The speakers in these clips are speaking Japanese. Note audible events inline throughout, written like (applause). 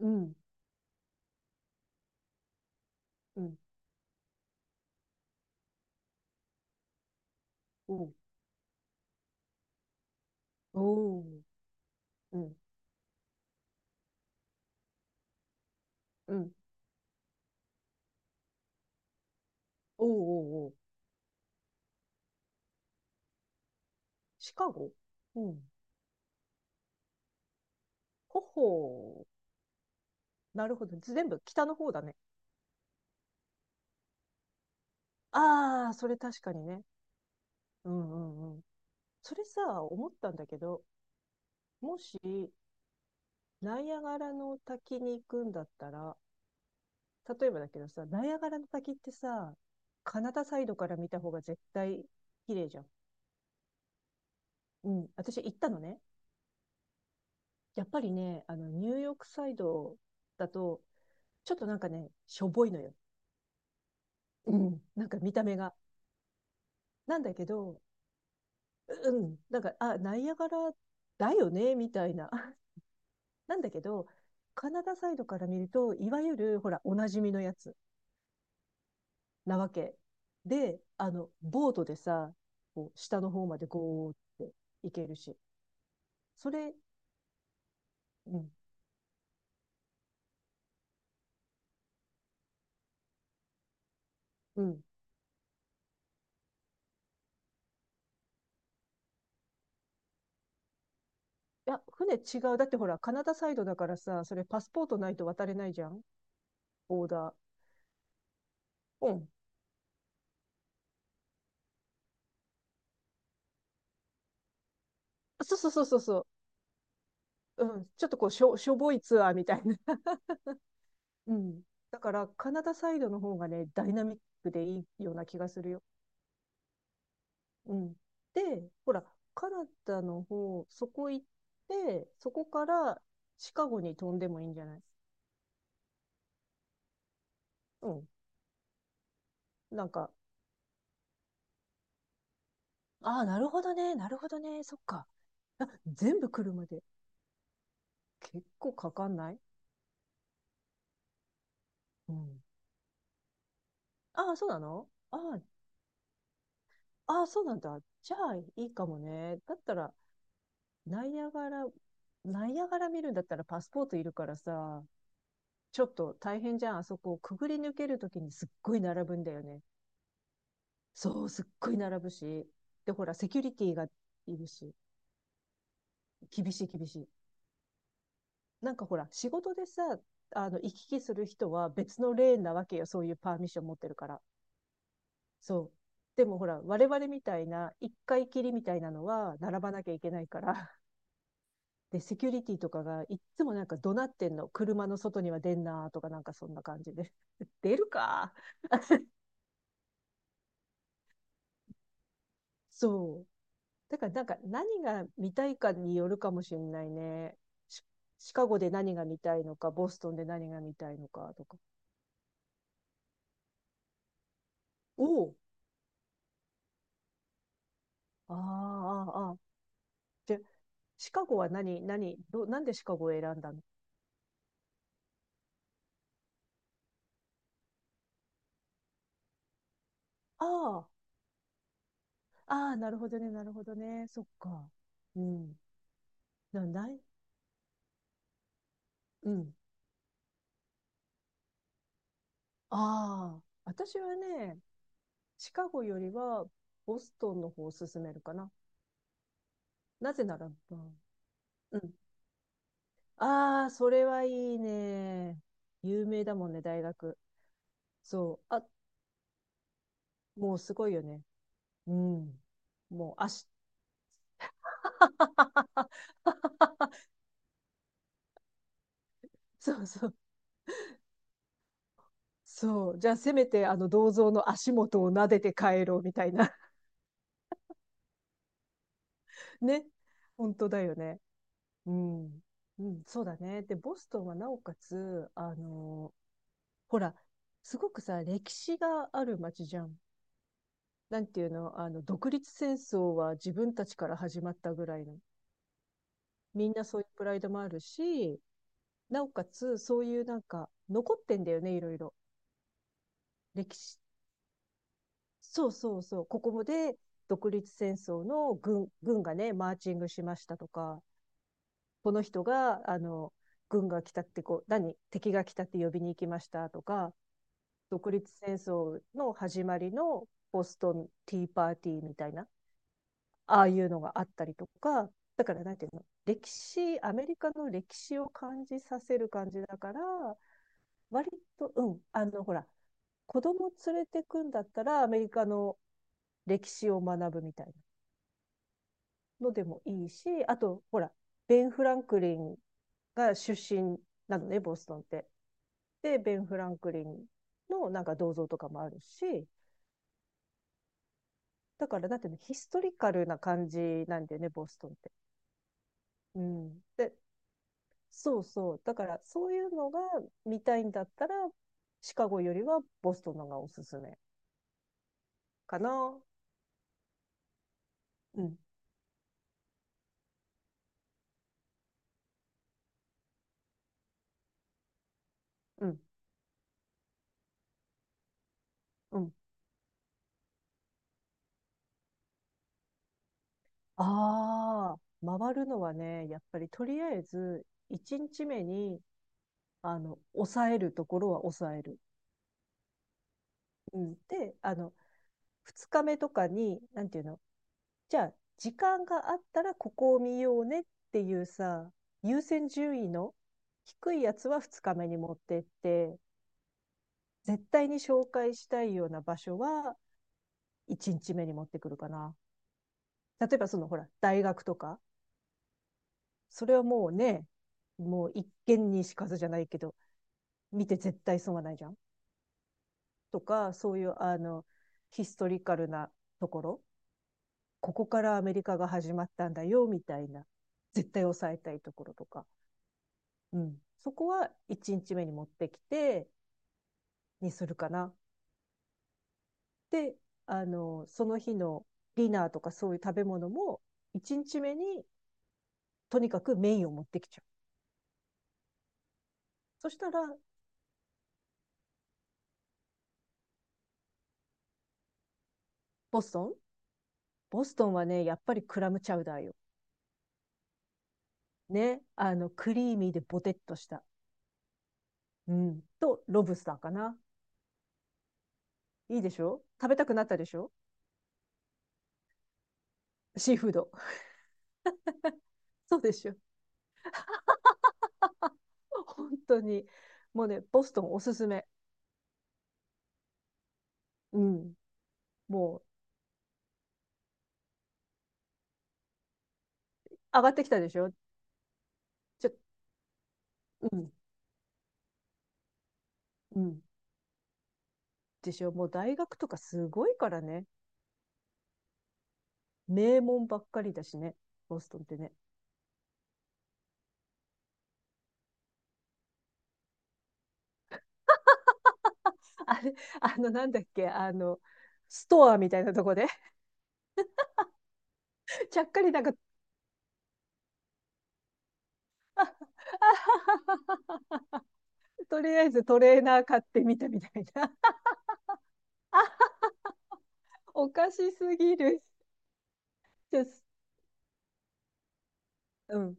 うん、うん、うん、おー、うん、うん、おー、おー、おー、シカゴ、うん。ほほー。なるほど。全部北の方だね。ああ、それ確かにね。うんうんうん。それさ、思ったんだけど、もし、ナイアガラの滝に行くんだったら、例えばだけどさ、ナイアガラの滝ってさ、カナダサイドから見た方が絶対綺麗じゃん。うん。私行ったのね。やっぱりね、ニューヨークサイドだと、ちょっとなんかね、しょぼいのよ。うん。なんか見た目が。なんだけど、うん。なんか、あ、ナイアガラだよね、みたいな。(laughs) なんだけど、カナダサイドから見ると、いわゆる、ほら、おなじみのやつなわけ。で、ボートでさ、こう、下の方までゴーって行けるし。それ、うん、うん。いや、船違う。だってほら、カナダサイドだからさ、それパスポートないと渡れないじゃん。オーダー。うん。そうそうそうそうそう。うん、ちょっとしょぼいツアーみたいな。(laughs) うん。だから、カナダサイドの方がね、ダイナミックでいいような気がするよ。うん。で、ほら、カナダの方、そこ行って、そこからシカゴに飛んでもいいんじゃない？うん。なんか、ああ、なるほどね、なるほどね、そっか。あ、全部車で。結構かかんない？うん。ああ、そうなの？ああ、ああ、そうなんだ。じゃあ、いいかもね。だったら、ナイアガラ、ナイアガラ見るんだったらパスポートいるからさ、ちょっと大変じゃん。あそこをくぐり抜けるときにすっごい並ぶんだよね。そう、すっごい並ぶし。で、ほら、セキュリティがいるし、厳しい厳しい。なんかほら、仕事でさ、行き来する人は別のレーンなわけよ。そういうパーミッション持ってるから。そう。でもほら、我々みたいな、一回きりみたいなのは、並ばなきゃいけないから、で、セキュリティとかがいっつもなんか怒鳴ってんの。車の外には出んなとかなんかそんな感じで。(laughs) 出るか。そう。だからなんか何が見たいかによるかもしれないね。シシカゴで何が見たいのか、ボストンで何が見たいのかとか。おお、ああ、ああ、ああ。じゃ、シカゴは何、何、ど、なんでシカゴを選んだの？ああ、ああ、なるほどね、なるほどね。そっか。うん。な、ない、うん。ああ、私はね、シカゴよりはボストンの方を進めるかな。なぜならば、うんうん。ああ、それはいいね。有名だもんね、大学。そう。あ、もうすごいよね。うん。もう足。(laughs) そうそう。そう。じゃあ、せめて、銅像の足元を撫でて帰ろうみたいな。(laughs) ね。本当だよね。うん。うん、そうだね。で、ボストンはなおかつ、ほら、すごくさ、歴史がある街じゃん。なんていうの、独立戦争は自分たちから始まったぐらいの。みんなそういうプライドもあるし、なおかつ、そういうなんか、残ってんだよね、いろいろ。歴史。そうそうそう。ここもで、独立戦争の軍がね、マーチングしましたとか、この人が、軍が来たってこう、何敵が来たって呼びに行きましたとか、独立戦争の始まりのボストンティーパーティーみたいな。ああいうのがあったりとか、だからなんていうの、歴史、アメリカの歴史を感じさせる感じだから、割と、うん、ほら、子供連れてくんだったらアメリカの歴史を学ぶみたいなのでもいいし、あと、ほら、ベン・フランクリンが出身なのね、ボストンって。で、ベン・フランクリンのなんか銅像とかもあるし、だから、だっていうのヒストリカルな感じなんだよね、ボストンって。うん。で、そうそう。だから、そういうのが見たいんだったら、シカゴよりはボストンのがおすすめかな。うん、うん、うん。ああ、回るのはね、やっぱりとりあえず、1日目に、抑えるところは抑える。うん。で、2日目とかに、なんていうの、じゃあ、時間があったらここを見ようねっていうさ、優先順位の低いやつは2日目に持ってって、絶対に紹介したいような場所は1日目に持ってくるかな。例えばそのほら、大学とか、それはもうね、もう一見にしかずじゃないけど、見て絶対損はないじゃんとか、そういうヒストリカルなところ、ここからアメリカが始まったんだよみたいな、絶対抑えたいところとか、うん、そこは1日目に持ってきてにするかな。で、その日のディナーとかそういう食べ物も1日目にとにかくメインを持ってきちゃう。そしたら、ボストンボストンはね、やっぱりクラムチャウダーよ。ね。クリーミーでボテッとした。うん。と、ロブスターかな。いいでしょ？食べたくなったでしょ？シーフード。(laughs) そうでしょ？本当に。もうね、ボストンおすすめ。うん。もう、上がってきたでしょ？ちょ、うん、うん。でしょ？もう大学とかすごいからね。名門ばっかりだしね。ボストンってね。あれ、なんだっけ、ストアみたいなとこでちゃっかりなんか (laughs)、あはは、とりあえずトレーナー買ってみたみたいな (laughs)。あ、おかしすぎる (laughs)。ですうん。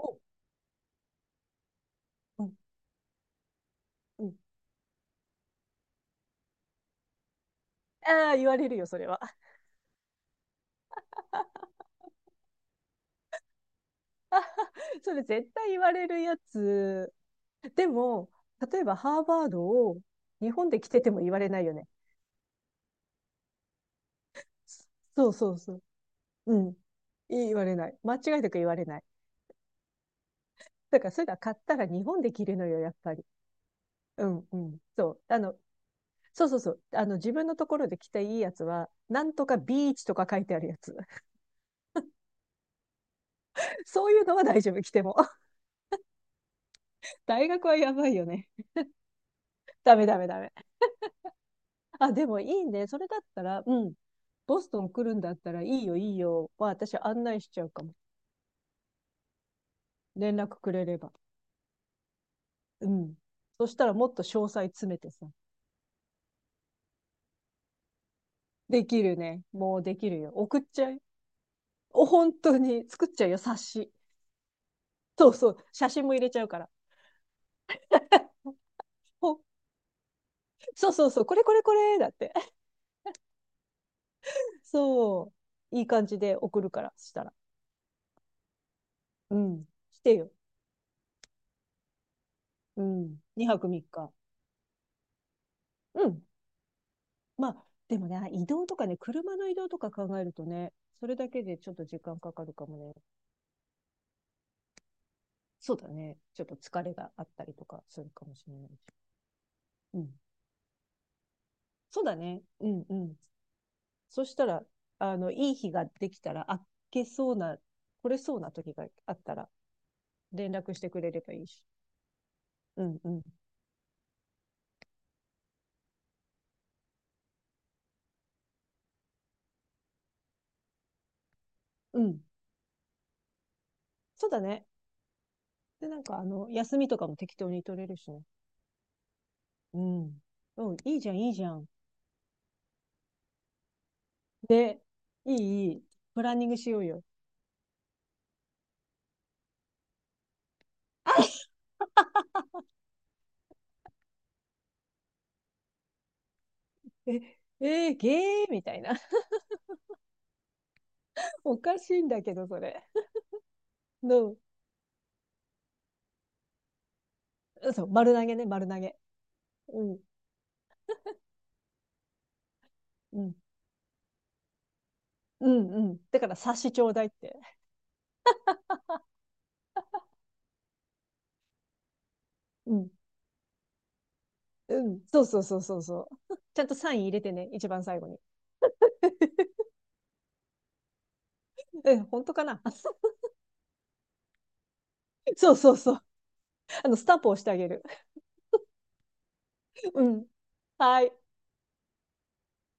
お、うん、うん。ああ、言われるよ、それは。 (laughs)。それ絶対言われるやつ。でも、例えばハーバードを日本で着てても言われないよね。そうそうそう。うん。言われない。間違いなく言われない。だから、そういうのは買ったら日本で着るのよ、やっぱり。うんうん。そう。そうそうそう。自分のところで着ていいやつは、なんとかビーチとか書いてあるやつ。(laughs) そういうのは大丈夫、着ても。(laughs) 大学はやばいよね。(laughs) ダメダメダメ。あ、でもいいね。それだったら、うん。ボストン来るんだったら、いいよ、いいよ。は、私案内しちゃうかも。連絡くれれば。うん。そしたらもっと詳細詰めてさ。できるね。もうできるよ。送っちゃい。お、本当に。作っちゃうよ、冊子。そうそう。写真も入れちゃうから。ほ、そうそうそう。これこれこれ。だって。そう。いい感じで送るから、したら。うん。来てよ。うん。2泊3日。うん。まあ、でもね、移動とかね、車の移動とか考えるとね、それだけでちょっと時間かかるかもね。そうだね。ちょっと疲れがあったりとかするかもしれないし。うん。そうだね。うんうん。そしたら、いい日ができたら、あけそうな、来れそうな時があったら、連絡してくれればいいし。うんうん。うん。そうだね。で、なんか、休みとかも適当に取れるしね。うん。うん、いいじゃん、いいじゃん。で、いい、いい。プランニングしようよ。え、えー、ゲーみたいな。(laughs) おかしいんだけど、それ。の、そう、丸投げね、丸投げ。うん、うん、うん、うん。だから、察しちょうだいって。うん、うん。そうそうそうそうそう。(laughs) ちゃんとサイン入れてね、一番最後に。え、本当かな。 (laughs) そうそうそう。スタンプ押してあげる。うん。はい。